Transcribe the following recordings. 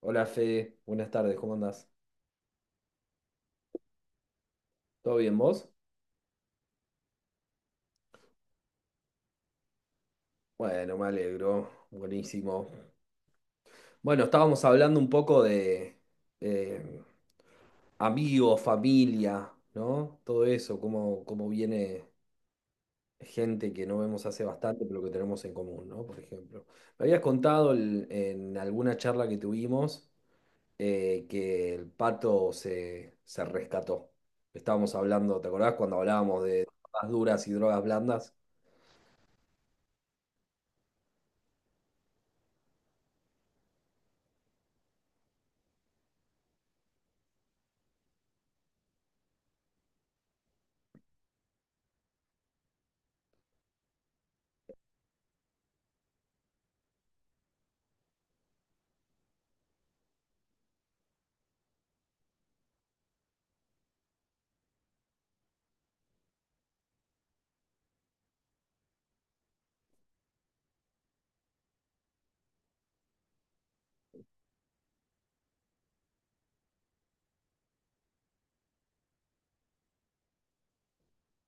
Hola Fede, buenas tardes, ¿cómo andás? ¿Todo bien vos? Bueno, me alegro, buenísimo. Bueno, estábamos hablando un poco de, eh, amigos, familia, ¿no? Todo eso, cómo viene gente que no vemos hace bastante, pero que tenemos en común, ¿no? Por ejemplo. Me habías contado en alguna charla que tuvimos que el pato se rescató. Estábamos hablando, ¿te acordás cuando hablábamos de drogas duras y drogas blandas?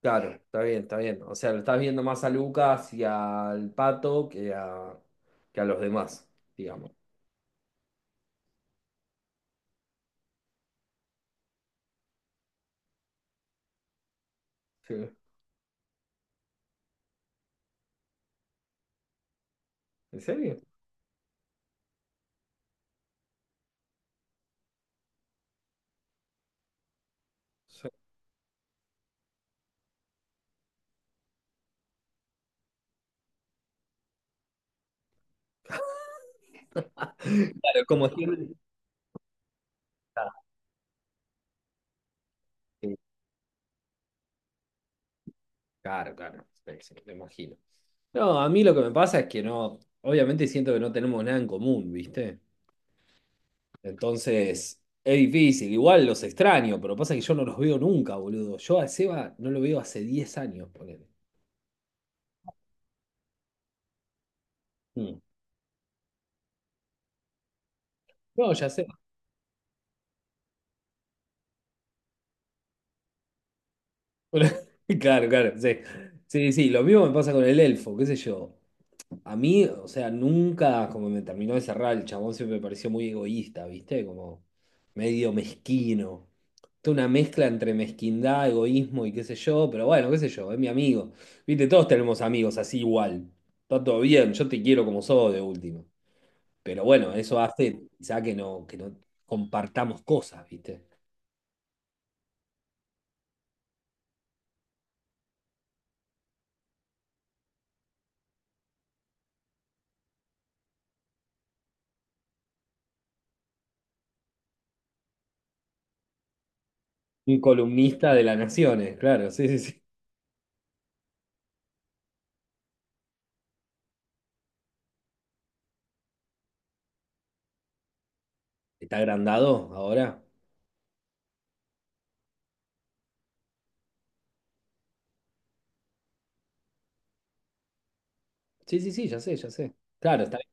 Claro, está bien, está bien. O sea, lo estás viendo más a Lucas y al Pato que a los demás, digamos. Sí. ¿En serio? Sí. Claro, como siempre. Ah, sí. Claro, claro, sí, sí, me imagino. No, a mí lo que me pasa es que no, obviamente siento que no tenemos nada en común, ¿viste? Entonces, es difícil. Igual los extraño, pero pasa que yo no los veo nunca, boludo. Yo a Seba no lo veo hace 10 años, ponele. Mm. No, ya sé. Claro, claro, sí. Sí, sí, lo mismo me pasa con el elfo, qué sé yo. A mí, o sea, nunca, como me terminó de cerrar, el chabón siempre me pareció muy egoísta, ¿viste? Como medio mezquino. Toda una mezcla entre mezquindad, egoísmo y qué sé yo, pero bueno, qué sé yo, es mi amigo. Viste, todos tenemos amigos así igual. Está todo bien, yo te quiero como sos de último. Pero bueno, eso hace quizá que no, compartamos cosas, ¿viste? Un columnista de las naciones, claro, sí, sí, sí. ¿Está agrandado ahora? Sí, sí, sí, ya sé, ya sé. Claro, está bien.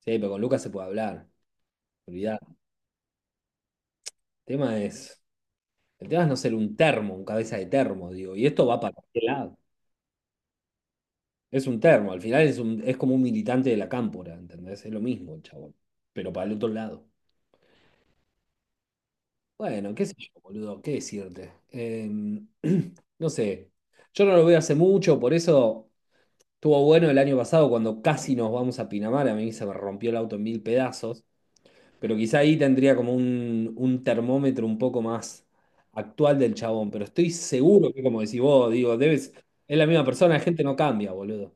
Sí, pero con Lucas se puede hablar. Olvidar. El tema es. El tema es no ser un termo, un cabeza de termo, digo. Y esto va para qué lado. Es un termo. Al final es como un militante de la Cámpora, ¿entendés? Es lo mismo, el chabón. Pero para el otro lado. Bueno, qué sé yo, boludo, qué decirte. No sé. Yo no lo veo hace mucho, por eso estuvo bueno el año pasado cuando casi nos vamos a Pinamar. A mí se me rompió el auto en mil pedazos. Pero quizá ahí tendría como un termómetro un poco más actual del chabón. Pero estoy seguro que, como decís vos, digo, debes, es la misma persona, la gente no cambia, boludo.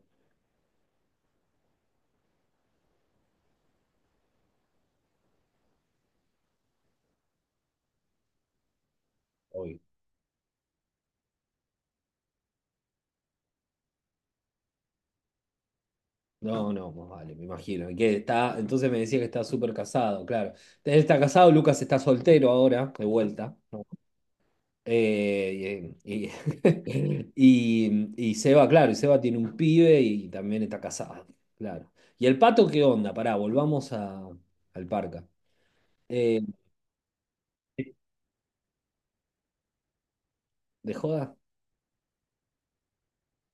Obvio. No, no, más vale, me imagino. Y que está, entonces me decía que está súper casado, claro. Él está casado, Lucas está soltero ahora, de vuelta, ¿no? Eh, y, y, y Seba, claro, y Seba tiene un pibe y también está casado, claro. ¿Y el pato qué onda? Pará, volvamos al Parca. Eh, ¿De joda?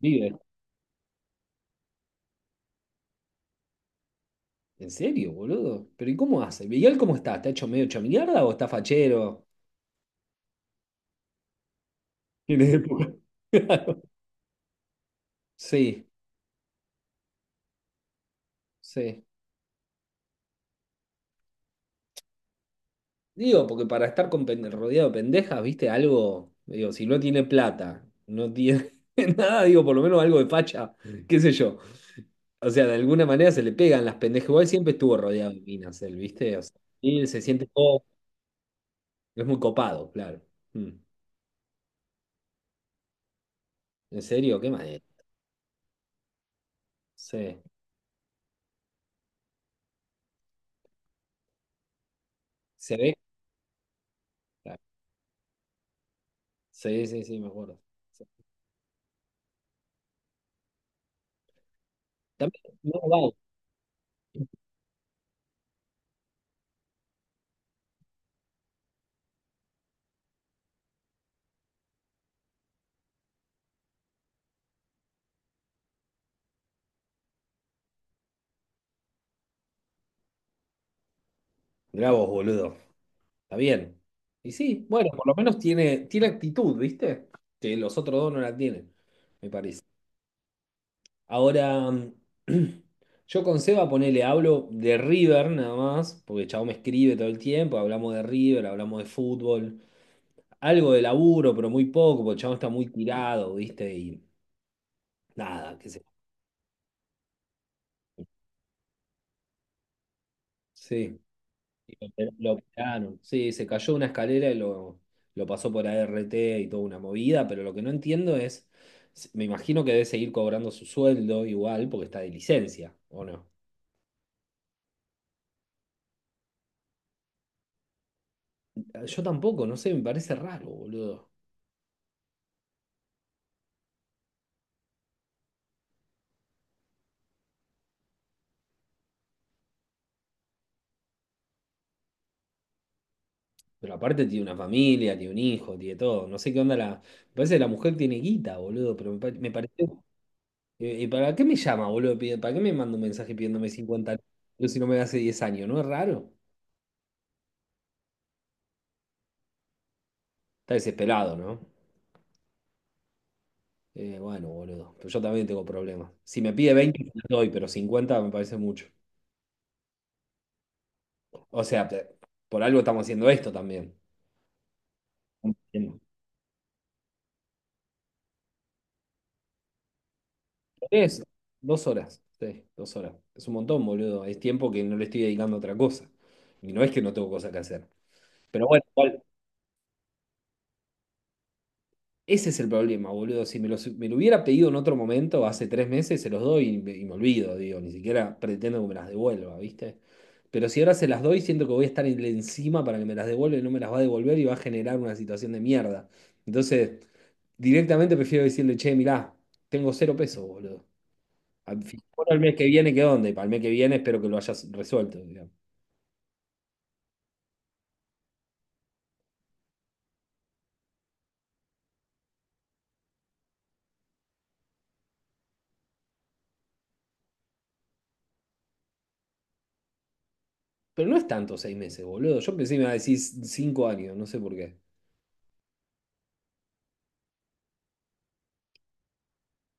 Vive. ¿En serio, boludo? ¿Pero y cómo hace? ¿Miguel cómo está? ¿Está hecho medio hecho mierda o está fachero? Tiene época. Sí, sí. Digo, porque para estar con rodeado de pendejas, viste, algo, digo, si no tiene plata, no tiene nada, digo, por lo menos algo de facha, qué sé yo. O sea, de alguna manera se le pegan las pendejas. Igual siempre estuvo rodeado de minas, él, ¿viste? O sea, y él se siente todo, es muy copado, claro. Mm. ¿En serio? ¿Qué manera? Sí. Se ve. Sí, sí, sí, me acuerdo. Sí. También, no, vale. Mirá vos, boludo. Está bien. Y sí, bueno, por lo menos tiene, actitud, ¿viste? Que los otros dos no la tienen, me parece. Ahora, yo con Seba ponele, hablo de River nada más, porque el chabón me escribe todo el tiempo, hablamos de River, hablamos de fútbol, algo de laburo, pero muy poco, porque el chabón está muy tirado, ¿viste? Y nada, qué sé yo. Sí. Y lo operaron. Sí, se cayó una escalera y lo pasó por ART y toda una movida, pero lo que no entiendo es, me imagino que debe seguir cobrando su sueldo igual porque está de licencia, ¿o no? Ah, yo tampoco, no sé, me parece raro, boludo. Pero aparte tiene una familia, tiene un hijo, tiene todo. No sé qué onda la. Me parece que la mujer tiene guita, boludo, pero me pareció. ¿Y para qué me llama, boludo? ¿Para qué me manda un mensaje pidiéndome 50 lucas si no me da hace 10 años? ¿No es raro? Está desesperado, ¿no? Bueno, boludo, pero yo también tengo problemas. Si me pide 20 te doy, pero 50 me parece mucho. O sea, por algo estamos haciendo esto también. Entiendo. Es 2 horas, sí, 2 horas. Es un montón, boludo. Es tiempo que no le estoy dedicando a otra cosa. Y no es que no tengo cosas que hacer. Pero bueno, igual, ese es el problema, boludo. Si me lo hubiera pedido en otro momento, hace 3 meses, se los doy y me olvido, digo. Ni siquiera pretendo que me las devuelva, ¿viste? Pero si ahora se las doy, siento que voy a estar encima para que me las devuelva y no me las va a devolver y va a generar una situación de mierda. Entonces, directamente prefiero decirle, che, mirá, tengo 0 pesos, boludo. Bueno, el mes que viene, ¿qué onda? Y para el mes que viene espero que lo hayas resuelto, digamos. Pero no es tanto 6 meses, boludo. Yo pensé que me iba a decir 5 años, no sé por qué.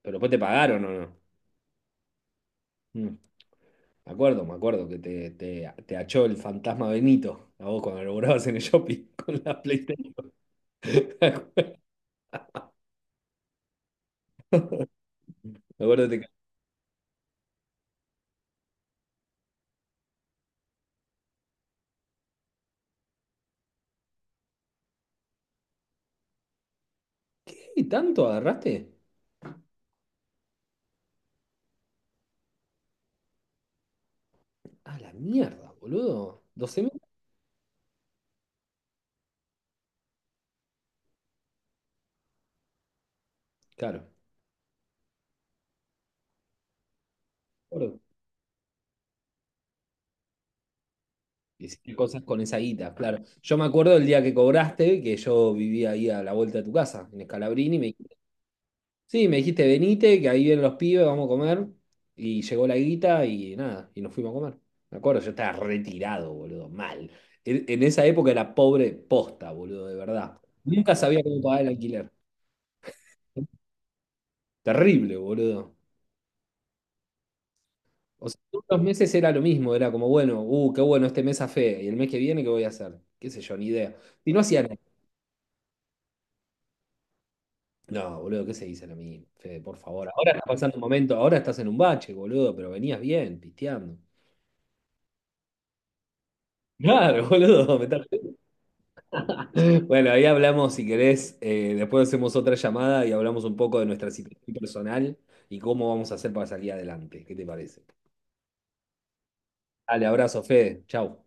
Pero después te pagaron o no. Mm. Me acuerdo que te achó el fantasma Benito a vos cuando laburabas en el shopping con la PlayStation. Me acuerdo que te. ¿Qué tanto agarraste? A la mierda, boludo. ¿12.000? Claro. Me acuerdo. Hiciste cosas con esa guita, claro. Yo me acuerdo el día que cobraste, que yo vivía ahí a la vuelta de tu casa, en Escalabrini, y me. Sí, me dijiste, venite, que ahí vienen los pibes, vamos a comer. Y llegó la guita y nada, y nos fuimos a comer. Me acuerdo, yo estaba retirado, boludo, mal. En esa época era pobre posta, boludo, de verdad. Nunca sabía cómo pagar el alquiler. Terrible, boludo. O sea, todos los meses era lo mismo, era como, bueno, qué bueno, este mes a fe, y el mes que viene, ¿qué voy a hacer? Qué sé yo, ni idea. Y no hacía nada. No, boludo, ¿qué se dice a mí, Fede, por favor? Ahora estás pasando un momento, ahora estás en un bache, boludo, pero venías bien, pisteando. Claro, boludo, me estás. Bueno, ahí hablamos, si querés, después hacemos otra llamada y hablamos un poco de nuestra situación personal y cómo vamos a hacer para salir adelante. ¿Qué te parece? Dale, abrazo, Fede. Chau.